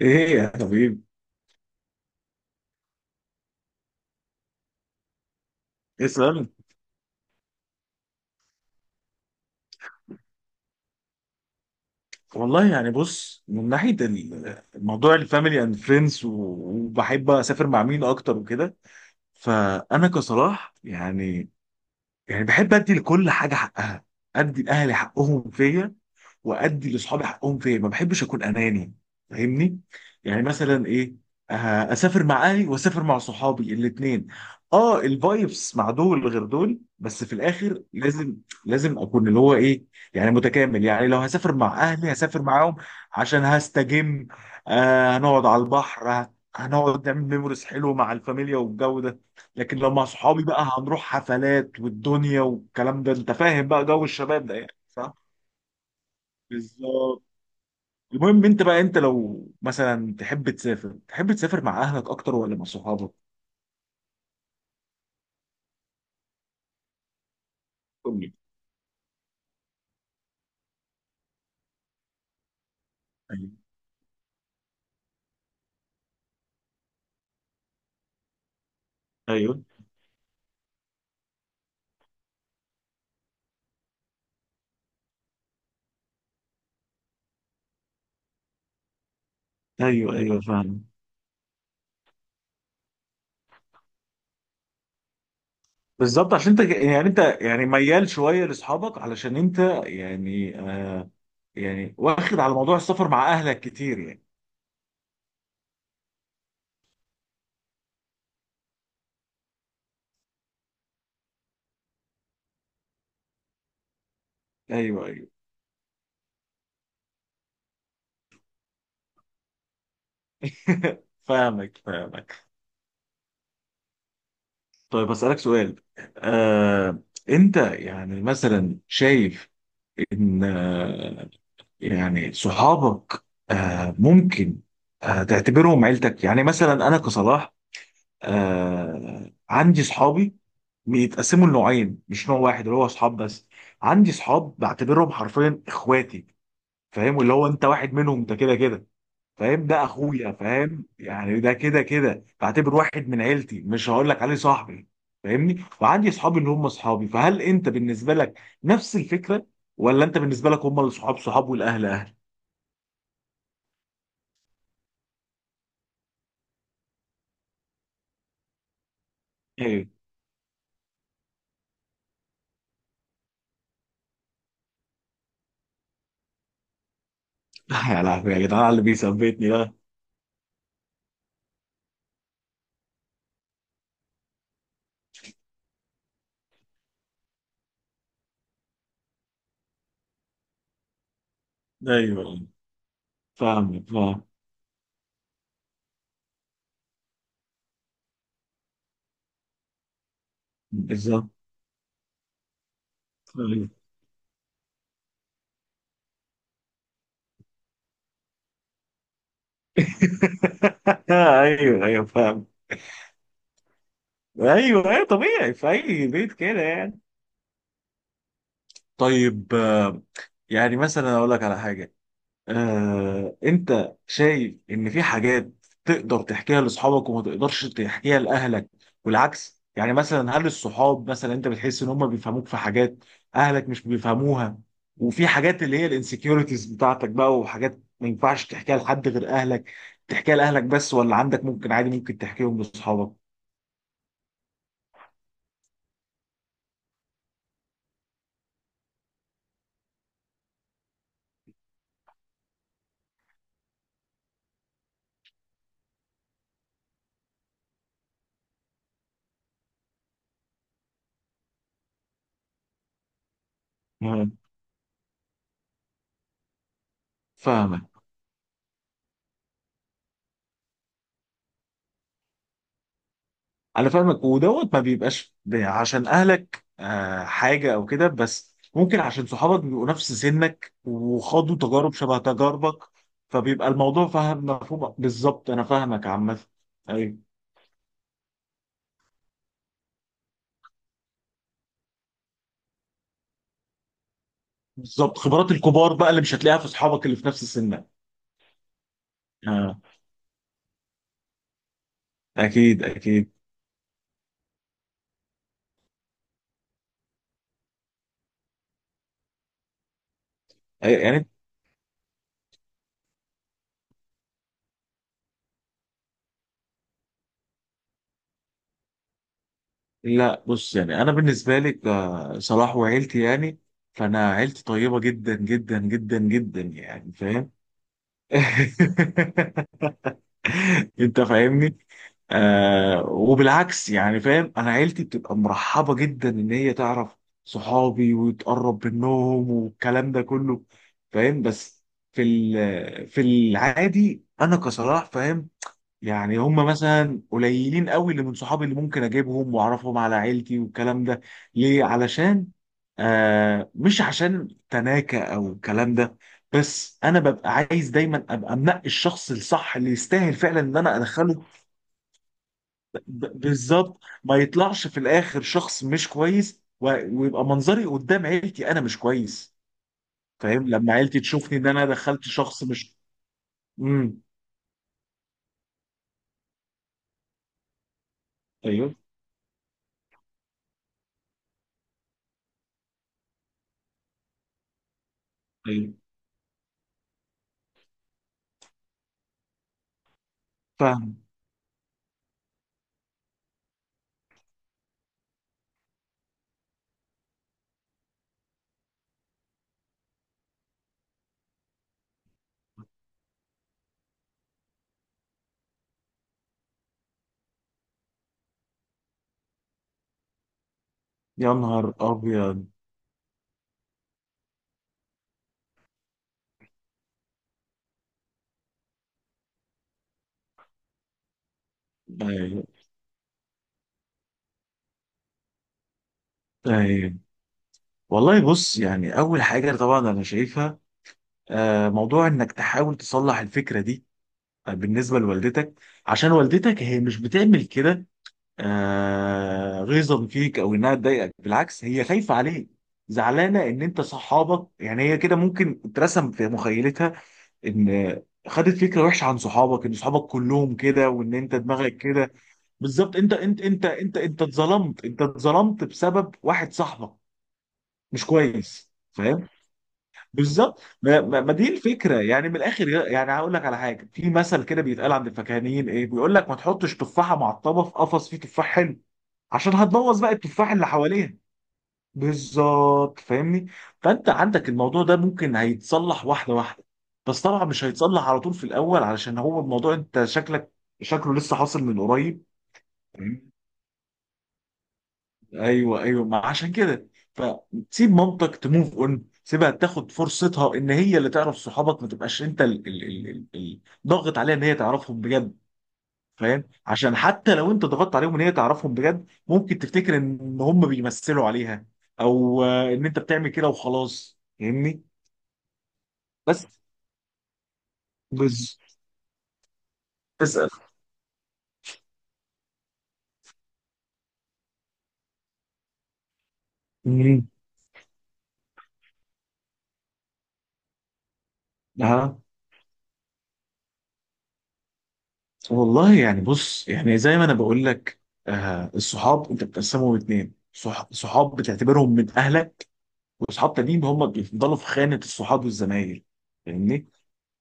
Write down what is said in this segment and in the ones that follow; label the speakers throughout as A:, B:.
A: ايه يا طبيب. اسأل. والله يعني بص، من ناحية الموضوع الفاميلي اند فريندز، وبحب اسافر مع مين اكتر وكده. فانا كصلاح يعني، يعني بحب ادي لكل حاجة حقها، ادي لاهلي حقهم فيا، وادي لاصحابي حقهم، فين ما بحبش اكون اناني. فاهمني؟ يعني مثلا ايه، اسافر مع اهلي واسافر مع صحابي الاثنين. اه، الفايبس مع دول غير دول، بس في الاخر لازم، لازم اكون اللي هو ايه، يعني متكامل. يعني لو هسافر مع اهلي هسافر معاهم عشان هستجم. آه، هنقعد على البحر، هنقعد نعمل ميموريز حلو مع الفاميليا والجو ده. لكن لو مع صحابي بقى هنروح حفلات والدنيا والكلام ده، انت فاهم بقى جو الشباب ده، يعني صح؟ بالظبط. المهم انت بقى، انت لو مثلا تحب تسافر، تحب تسافر مع اهلك اكتر ولا مع صحابك؟ قول لي. ايوه، ايوه. ايوه، ايوه، فعلا. بالظبط، عشان انت يعني، انت يعني ميال شويه لاصحابك، علشان انت يعني آه، يعني واخد على موضوع السفر مع اهلك كتير يعني. ايوه ايوه. فاهمك فاهمك. طيب اسالك سؤال. آه، انت يعني مثلا شايف ان، يعني صحابك آه ممكن آه تعتبرهم عيلتك. يعني مثلا انا كصلاح آه، عندي صحابي بيتقسموا لنوعين، مش نوع واحد اللي هو صحاب بس. عندي صحاب بعتبرهم حرفيا اخواتي. فاهم؟ واللي هو انت واحد منهم، انت كده كده فاهم، ده اخويا، فاهم يعني، ده كده كده بعتبر واحد من عيلتي، مش هقول لك عليه صاحبي. فاهمني؟ وعندي صحابي اللي هم صحابي. فهل انت بالنسبه لك نفس الفكره، ولا انت بالنسبه لك هم الصحاب صحاب والاهل اهل؟ إيه؟ يا لهوي يا جدعان على اللي بيثبتني ده. ايوه فاهمك فاهم. بالظبط. ايوه. ايوه ايوه فاهم. ايوه ايوه، طبيعي في اي بيت كده يعني. طيب يعني مثلا اقول لك على حاجه. انت شايف ان في حاجات تقدر تحكيها لاصحابك وما تقدرش تحكيها لاهلك، والعكس؟ يعني مثلا هل الصحاب مثلا انت بتحس ان هم بيفهموك في حاجات اهلك مش بيفهموها، وفي حاجات اللي هي الانسكيورتيز بتاعتك بقى وحاجات ما ينفعش تحكيها لحد غير اهلك تحكيها لاهلك بس، ولا عندك ممكن عادي ممكن تحكيهم لاصحابك؟ مم. فاهمك. انا فاهمك، ودوت ما بيبقاش عشان اهلك حاجه او كده، بس ممكن عشان صحابك بيبقوا نفس سنك وخاضوا تجارب شبه تجاربك، فبيبقى الموضوع فاهم مفهوم. بالظبط، انا فاهمك عامه. ايوه. بالظبط، خبرات الكبار بقى اللي مش هتلاقيها في صحابك اللي في نفس سنك. آه. اكيد اكيد. يعني لا، بص يعني انا بالنسبه لي صلاح وعيلتي يعني، فانا عيلتي طيبه جدا جدا جدا جدا يعني، فاهم؟ انت فاهمني. آه، وبالعكس يعني، فاهم، انا عيلتي بتبقى مرحبه جدا ان هي تعرف صحابي وتقرب منهم والكلام ده كله. فاهم؟ بس في في العادي انا كصلاح فاهم، يعني هم مثلا قليلين قوي اللي من صحابي اللي ممكن اجيبهم واعرفهم على عيلتي والكلام ده. ليه؟ علشان آه، مش عشان تناكة او الكلام ده، بس انا ببقى عايز دايما ابقى منقي الشخص الصح اللي يستاهل فعلا ان انا ادخله. بالظبط، ما يطلعش في الاخر شخص مش كويس ويبقى منظري قدام عيلتي انا مش كويس. فاهم؟ لما عيلتي تشوفني ان انا دخلت شخص مش، امم. ايوه ايوه فاهم. يا نهار ابيض. ايوه. طيب والله بص، يعني اول حاجه طبعا انا شايفها موضوع انك تحاول تصلح الفكره دي بالنسبه لوالدتك، عشان والدتك هي مش بتعمل كده غيظا فيك او انها تضايقك، بالعكس هي خايفه عليك، زعلانه ان انت صحابك، يعني هي كده ممكن اترسم في مخيلتها ان خدت فكره وحشه عن صحابك، ان صحابك كلهم كده وان انت دماغك كده. بالظبط، انت اتظلمت، انت اتظلمت بسبب واحد صاحبك مش كويس، فاهم؟ بالظبط. ما دي الفكره يعني، من الاخر يعني هقول لك على حاجه، في مثل كده بيتقال عند الفكاهيين، ايه بيقول لك؟ ما تحطش تفاحه معطبه في قفص فيه تفاح حلو، عشان هتبوظ بقى التفاح اللي حواليها. بالظبط، فاهمني؟ فانت عندك الموضوع ده ممكن هيتصلح واحده واحده، بس طبعا مش هيتصلح على طول في الاول، علشان هو الموضوع انت شكلك، شكله لسه حاصل من قريب. ايوه ايوه، ما عشان كده، فسيب مامتك تموف اون، سيبها تاخد فرصتها ان هي اللي تعرف صحابك، ما تبقاش انت ضاغط عليها ان هي تعرفهم بجد. فاهم؟ عشان حتى لو انت ضغطت عليهم ان هي تعرفهم بجد ممكن تفتكر ان هم بيمثلوا عليها، او ان انت بتعمل كده وخلاص، فاهمني؟ بس بس بس. مم. ها. والله يعني بص، يعني زي ما انا بقول لك، آه، الصحاب انت بتقسمهم اتنين، صحاب بتعتبرهم من اهلك، واصحاب تانيين هم بيفضلوا في خانه الصحاب والزمايل. فاهمني؟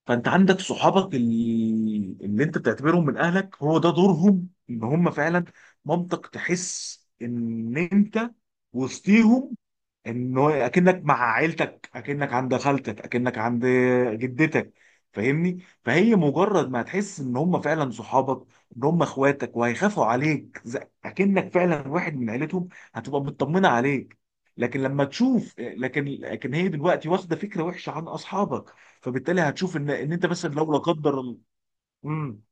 A: فانت عندك صحابك اللي انت بتعتبرهم من اهلك، هو ده دورهم، ان هم فعلا منطق تحس ان انت وسطيهم، ان هو اكنك مع عيلتك، اكنك عند خالتك، اكنك عند جدتك. فاهمني؟ فهي مجرد ما هتحس ان هم فعلا صحابك، ان هم اخواتك وهيخافوا عليك اكنك فعلا واحد من عيلتهم، هتبقى مطمنه عليك. لكن لما تشوف، لكن هي دلوقتي واخده فكره وحشه عن اصحابك، فبالتالي هتشوف ان انت مثلا لو لا قدر الله، امم.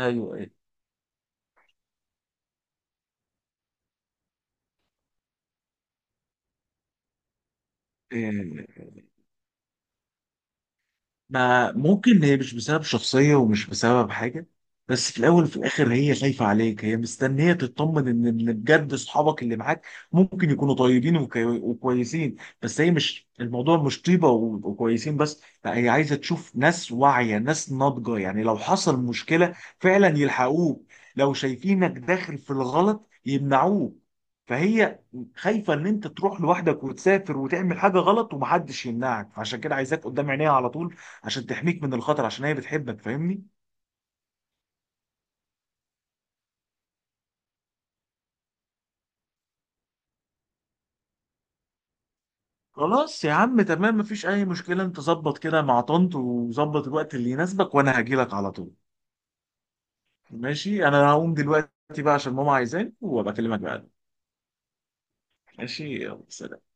A: ايوه. إيه. ما ممكن هي مش بسبب شخصية ومش بسبب حاجة، بس في الأول وفي الآخر هي خايفة عليك، هي مستنية تطمن إن بجد أصحابك اللي معاك ممكن يكونوا طيبين وكويسين، بس هي مش الموضوع مش طيبة وكويسين بس، لا، هي عايزة تشوف ناس واعية، ناس ناضجة، يعني لو حصل مشكلة فعلا يلحقوك، لو شايفينك داخل في الغلط يمنعوك. فهي خايفة إن أنت تروح لوحدك وتسافر وتعمل حاجة غلط ومحدش يمنعك، فعشان كده عايزاك قدام عينيها على طول عشان تحميك من الخطر، عشان هي بتحبك، فاهمني؟ خلاص يا عم، تمام، مفيش اي مشكله. انت ظبط كده مع طنط، وظبط الوقت اللي يناسبك وانا هجيلك على طول. ماشي. انا هقوم دلوقتي بقى عشان ماما عايزاني، وابقى اكلمك بعد. ماشي، يلا سلام.